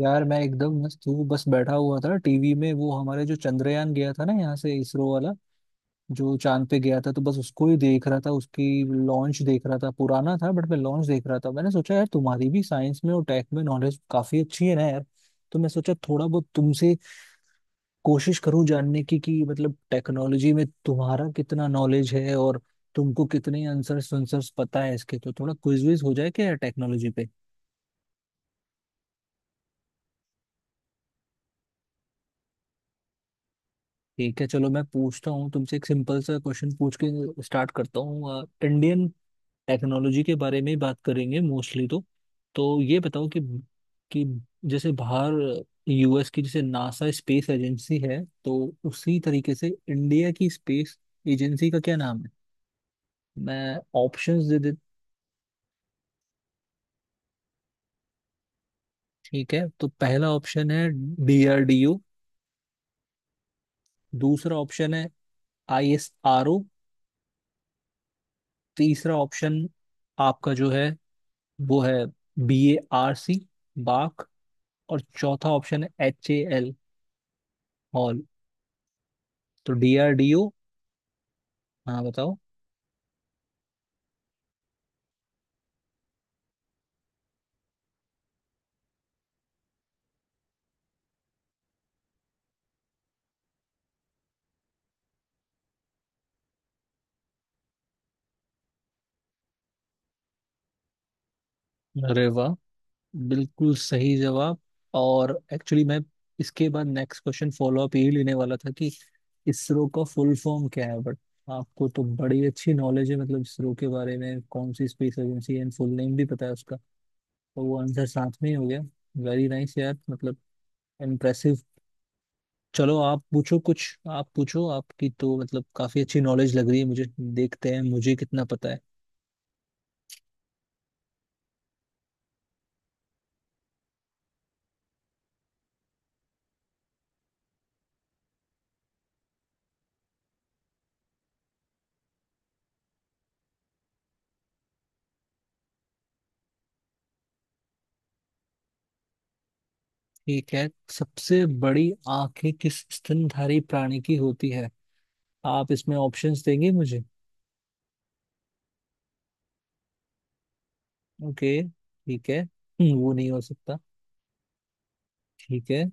यार मैं एकदम मस्त हूँ। बस बैठा हुआ था टीवी में, वो हमारे जो चंद्रयान गया था ना यहाँ से, इसरो वाला जो चांद पे गया था, तो बस उसको ही देख रहा था। उसकी लॉन्च देख रहा था, पुराना था बट मैं लॉन्च देख रहा था। मैंने सोचा यार तुम्हारी भी साइंस में और टेक में नॉलेज काफी अच्छी है ना यार, तो मैं सोचा थोड़ा बहुत तुमसे कोशिश करूँ जानने की कि मतलब टेक्नोलॉजी में तुम्हारा कितना नॉलेज है और तुमको कितने आंसर्स आंसर्स पता है इसके, तो थोड़ा क्विज विज हो जाए क्या यार टेक्नोलॉजी पे। ठीक है चलो मैं पूछता हूँ तुमसे। एक सिंपल सा क्वेश्चन पूछ के स्टार्ट करता हूँ। इंडियन टेक्नोलॉजी के बारे में ही बात करेंगे मोस्टली, तो ये बताओ कि कि जैसे बाहर यूएस की जैसे नासा स्पेस एजेंसी है, तो उसी तरीके से इंडिया की स्पेस एजेंसी का क्या नाम है। मैं ऑप्शंस दे दे। ठीक है तो पहला ऑप्शन है डीआरडीओ। दूसरा ऑप्शन है आईएसआरओ। तीसरा ऑप्शन आपका जो है वो है बी ए आर सी, बाक। और चौथा ऑप्शन है एच ए एल, हॉल। तो डी आर डी ओ। हाँ बताओ। अरे वाह, बिल्कुल सही जवाब। और एक्चुअली मैं इसके बाद नेक्स्ट क्वेश्चन फॉलो अप यही लेने वाला था कि इसरो का फुल फॉर्म क्या है, बट आपको तो बड़ी अच्छी नॉलेज है मतलब इसरो के बारे में कौन सी स्पेस एजेंसी है एंड फुल नेम भी पता है उसका, तो वो आंसर साथ में ही हो गया। वेरी नाइस यार, मतलब इम्प्रेसिव। चलो आप पूछो कुछ। आप पूछो, आपकी तो मतलब काफी अच्छी नॉलेज लग रही है मुझे। देखते हैं मुझे कितना पता है। ठीक है, सबसे बड़ी आंखें किस स्तनधारी प्राणी की होती है, आप इसमें ऑप्शंस देंगे मुझे। ओके ठीक है, वो नहीं हो सकता। ठीक है।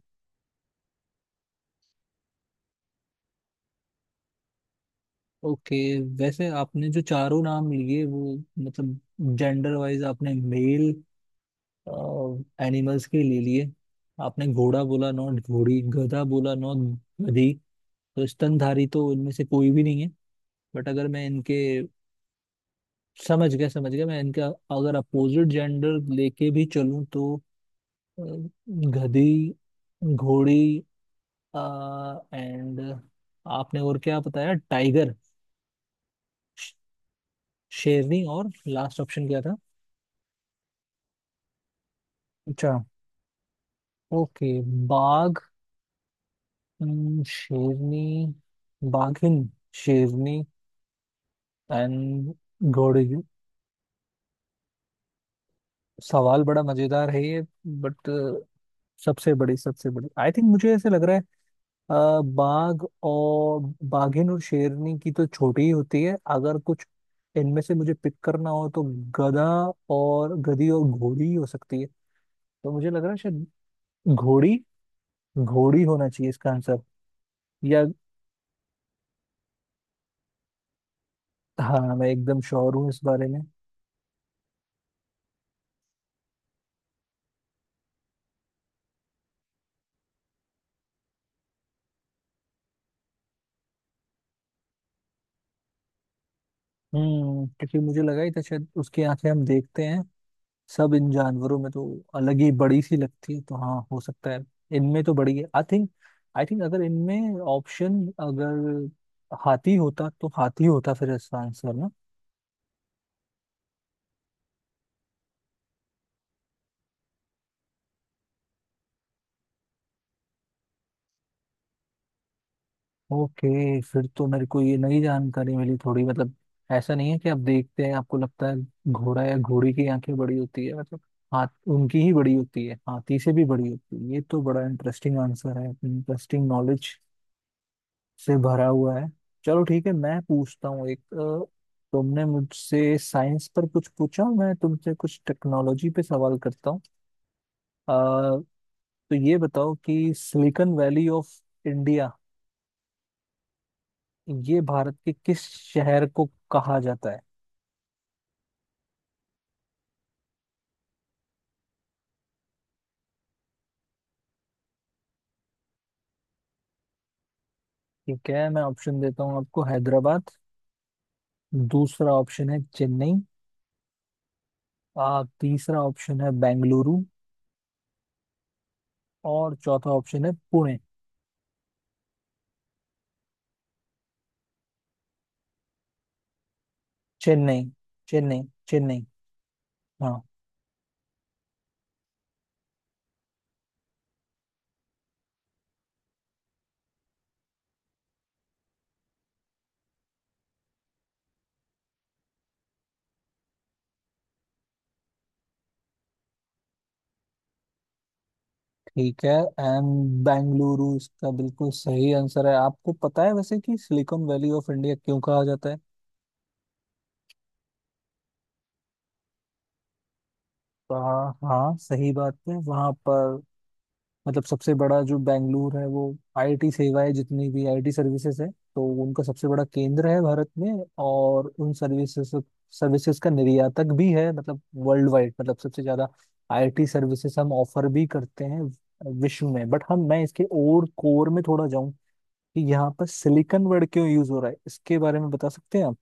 ओके। वैसे आपने जो चारों नाम लिए वो मतलब जेंडर वाइज आपने मेल एनिमल्स के ले लिए। आपने घोड़ा बोला नॉट घोड़ी, गधा बोला नॉट गधी, तो स्तनधारी तो इनमें से कोई भी नहीं है। बट अगर मैं इनके, समझ गया समझ गया, मैं इनका अगर अपोजिट जेंडर लेके भी चलूं तो अ, गधी, घोड़ी, एंड आपने और क्या बताया, टाइगर। श- शेरनी। और लास्ट ऑप्शन क्या था। अच्छा। ओके, बाघ। शेरनी, बाघिन, शेरनी, एंड घोड़ी। सवाल बड़ा मजेदार है ये बट, सबसे बड़ी आई थिंक मुझे ऐसे लग रहा है, बाघ और बाघिन और शेरनी की तो छोटी ही होती है। अगर कुछ इनमें से मुझे पिक करना हो तो गधा और गधी और घोड़ी ही हो सकती है। तो मुझे लग रहा है शायद घोड़ी, घोड़ी होना चाहिए इसका आंसर। या हाँ, मैं एकदम श्योर हूँ इस बारे में। हम्म, क्योंकि मुझे लगा ही था शायद उसकी आंखें हम देखते हैं सब इन जानवरों में तो अलग ही बड़ी सी लगती है, तो हाँ हो सकता है इनमें तो बड़ी है आई थिंक। आई थिंक अगर इनमें ऑप्शन अगर हाथी होता तो हाथी होता फिर इसका आंसर ना। ओके, फिर तो मेरे को ये नई जानकारी मिली थोड़ी, मतलब ऐसा नहीं है कि आप देखते हैं आपको लगता है घोड़ा या घोड़ी की आंखें बड़ी होती है मतलब, हाथ, उनकी ही बड़ी होती है, हाथी से भी बड़ी होती है। ये तो बड़ा इंटरेस्टिंग आंसर है, इंटरेस्टिंग नॉलेज से भरा हुआ है। चलो ठीक है मैं पूछता हूँ एक, तुमने मुझसे साइंस पर कुछ पूछा, मैं तुमसे कुछ टेक्नोलॉजी पे सवाल करता हूँ। अ, तो ये बताओ कि सिलिकॉन वैली ऑफ इंडिया ये भारत के किस शहर को कहा जाता है। ठीक है मैं ऑप्शन देता हूँ आपको, हैदराबाद। दूसरा ऑप्शन है चेन्नई। तीसरा ऑप्शन है बेंगलुरु। और चौथा ऑप्शन है पुणे। चेन्नई, चेन्नई, चेन्नई। हाँ। ठीक है एंड बेंगलुरु इसका बिल्कुल सही आंसर है। आपको पता है वैसे कि सिलिकॉन वैली ऑफ इंडिया क्यों कहा जाता है। हाँ हाँ सही बात है, वहां पर मतलब सबसे बड़ा जो बेंगलुरु है, वो आईटी सेवाएं जितनी भी आईटी सर्विसेज है तो उनका सबसे बड़ा केंद्र है भारत में, और उन सर्विसेज सर्विसेज का निर्यातक भी है मतलब वर्ल्ड वाइड, मतलब सबसे ज्यादा आईटी सर्विसेज हम ऑफर भी करते हैं विश्व में। बट हम, मैं इसके और कोर में थोड़ा जाऊं कि यहाँ पर सिलिकॉन वर्ड क्यों यूज हो रहा है इसके बारे में बता सकते हैं आप।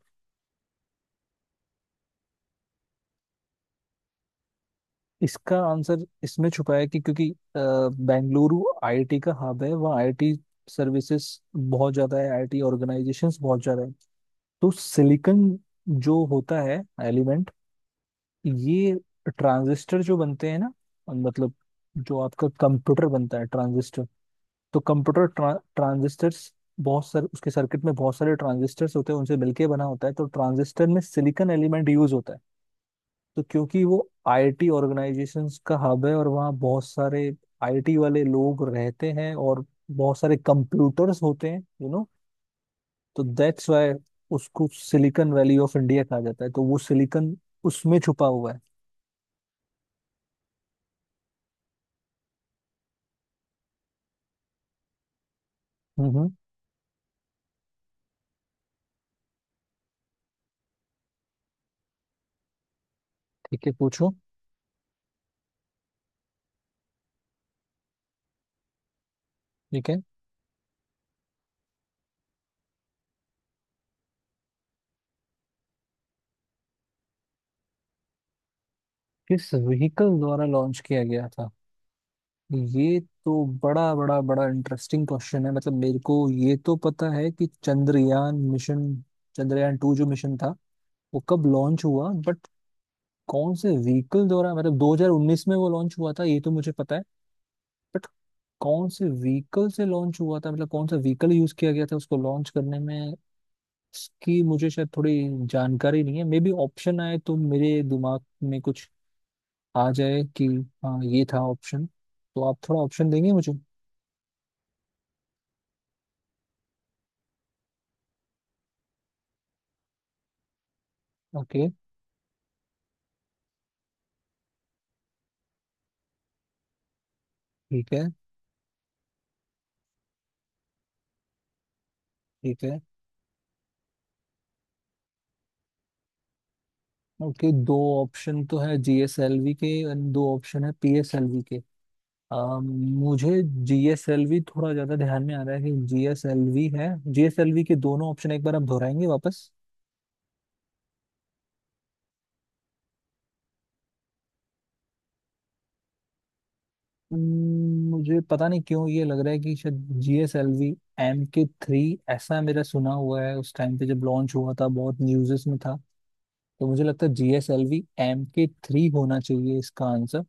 इसका आंसर इसमें छुपा है कि क्योंकि बेंगलुरु आईआईटी का हब है, वहाँ आईआईटी सर्विसेज बहुत ज्यादा है, आईआईटी ऑर्गेनाइजेशंस बहुत ज्यादा है। तो सिलिकॉन जो होता है एलिमेंट, ये ट्रांजिस्टर जो बनते हैं ना मतलब जो आपका कंप्यूटर बनता है, ट्रांजिस्टर। तो कंप्यूटर, ट्रांजिस्टर्स बहुत सारे उसके सर्किट में, बहुत सारे ट्रांजिस्टर्स होते हैं उनसे मिलके बना होता है, तो ट्रांजिस्टर में सिलिकॉन एलिमेंट यूज होता है। तो क्योंकि वो आईटी ऑर्गेनाइजेशंस का हब है और वहाँ बहुत सारे आईटी वाले लोग रहते हैं और बहुत सारे कंप्यूटर्स होते हैं। तो दैट्स वाई उसको सिलिकॉन वैली ऑफ इंडिया कहा जाता है, तो वो सिलिकॉन उसमें छुपा हुआ है। हम्म। ठीक है पूछो। ठीक है, किस व्हीकल द्वारा लॉन्च किया गया था ये, तो बड़ा बड़ा बड़ा इंटरेस्टिंग क्वेश्चन है, मतलब मेरे को ये तो पता है कि चंद्रयान मिशन, चंद्रयान टू जो मिशन था वो कब लॉन्च हुआ बट कौन से व्हीकल द्वारा। मतलब 2019 में वो लॉन्च हुआ था ये तो मुझे पता है, बट कौन से व्हीकल से लॉन्च हुआ था मतलब कौन सा व्हीकल यूज किया गया था उसको लॉन्च करने में, इसकी मुझे शायद थोड़ी जानकारी नहीं है। मे बी ऑप्शन आए तो मेरे दिमाग में कुछ आ जाए कि हाँ ये था ऑप्शन, तो आप थोड़ा ऑप्शन देंगे मुझे। ओके। ठीक है। ठीक है। ओके, दो ऑप्शन तो है जीएसएलवी के एंड दो ऑप्शन है पीएसएलवी के। मुझे जीएसएलवी थोड़ा ज्यादा ध्यान में आ रहा है कि जीएसएलवी है। जीएसएलवी के दोनों ऑप्शन एक बार आप दोहराएंगे वापस। मुझे पता नहीं क्यों ये लग रहा है कि शायद जीएसएलवी एम के थ्री, ऐसा मेरा सुना हुआ है उस टाइम पे जब लॉन्च हुआ था बहुत न्यूज़ेस में था। तो मुझे लगता है G S L V M K three होना चाहिए इसका आंसर।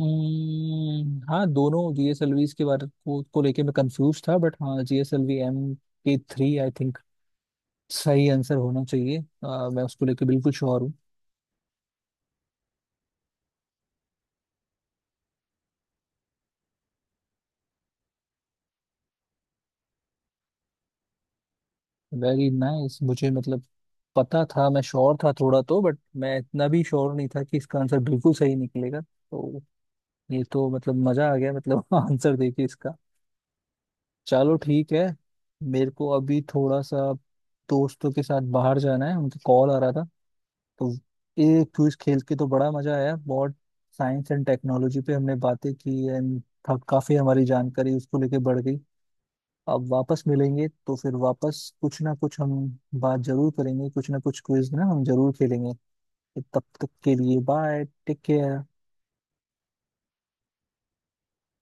हाँ, दोनों जी एस एल वी के बारे को लेके मैं कंफ्यूज था, बट हाँ G S L V M K three I think सही आंसर होना चाहिए। मैं उसको लेके बिल्कुल श्योर हूँ। वेरी नाइस, मुझे मतलब पता था, मैं श्योर था थोड़ा तो, बट मैं इतना भी श्योर नहीं था कि इसका आंसर बिल्कुल सही निकलेगा, तो ये तो मतलब मजा आ गया मतलब आंसर देखिए इसका। चलो ठीक है। मेरे को अभी थोड़ा सा दोस्तों के साथ बाहर जाना है, उनके कॉल आ रहा था। तो ये क्विज खेल के तो बड़ा मजा आया, बहुत साइंस एंड टेक्नोलॉजी पे हमने बातें की एंड काफी हमारी जानकारी उसको लेके बढ़ गई। अब वापस मिलेंगे तो फिर वापस कुछ ना कुछ हम बात जरूर करेंगे, कुछ ना कुछ क्विज ना हम जरूर खेलेंगे। तो तब तक के लिए बाय, टेक केयर।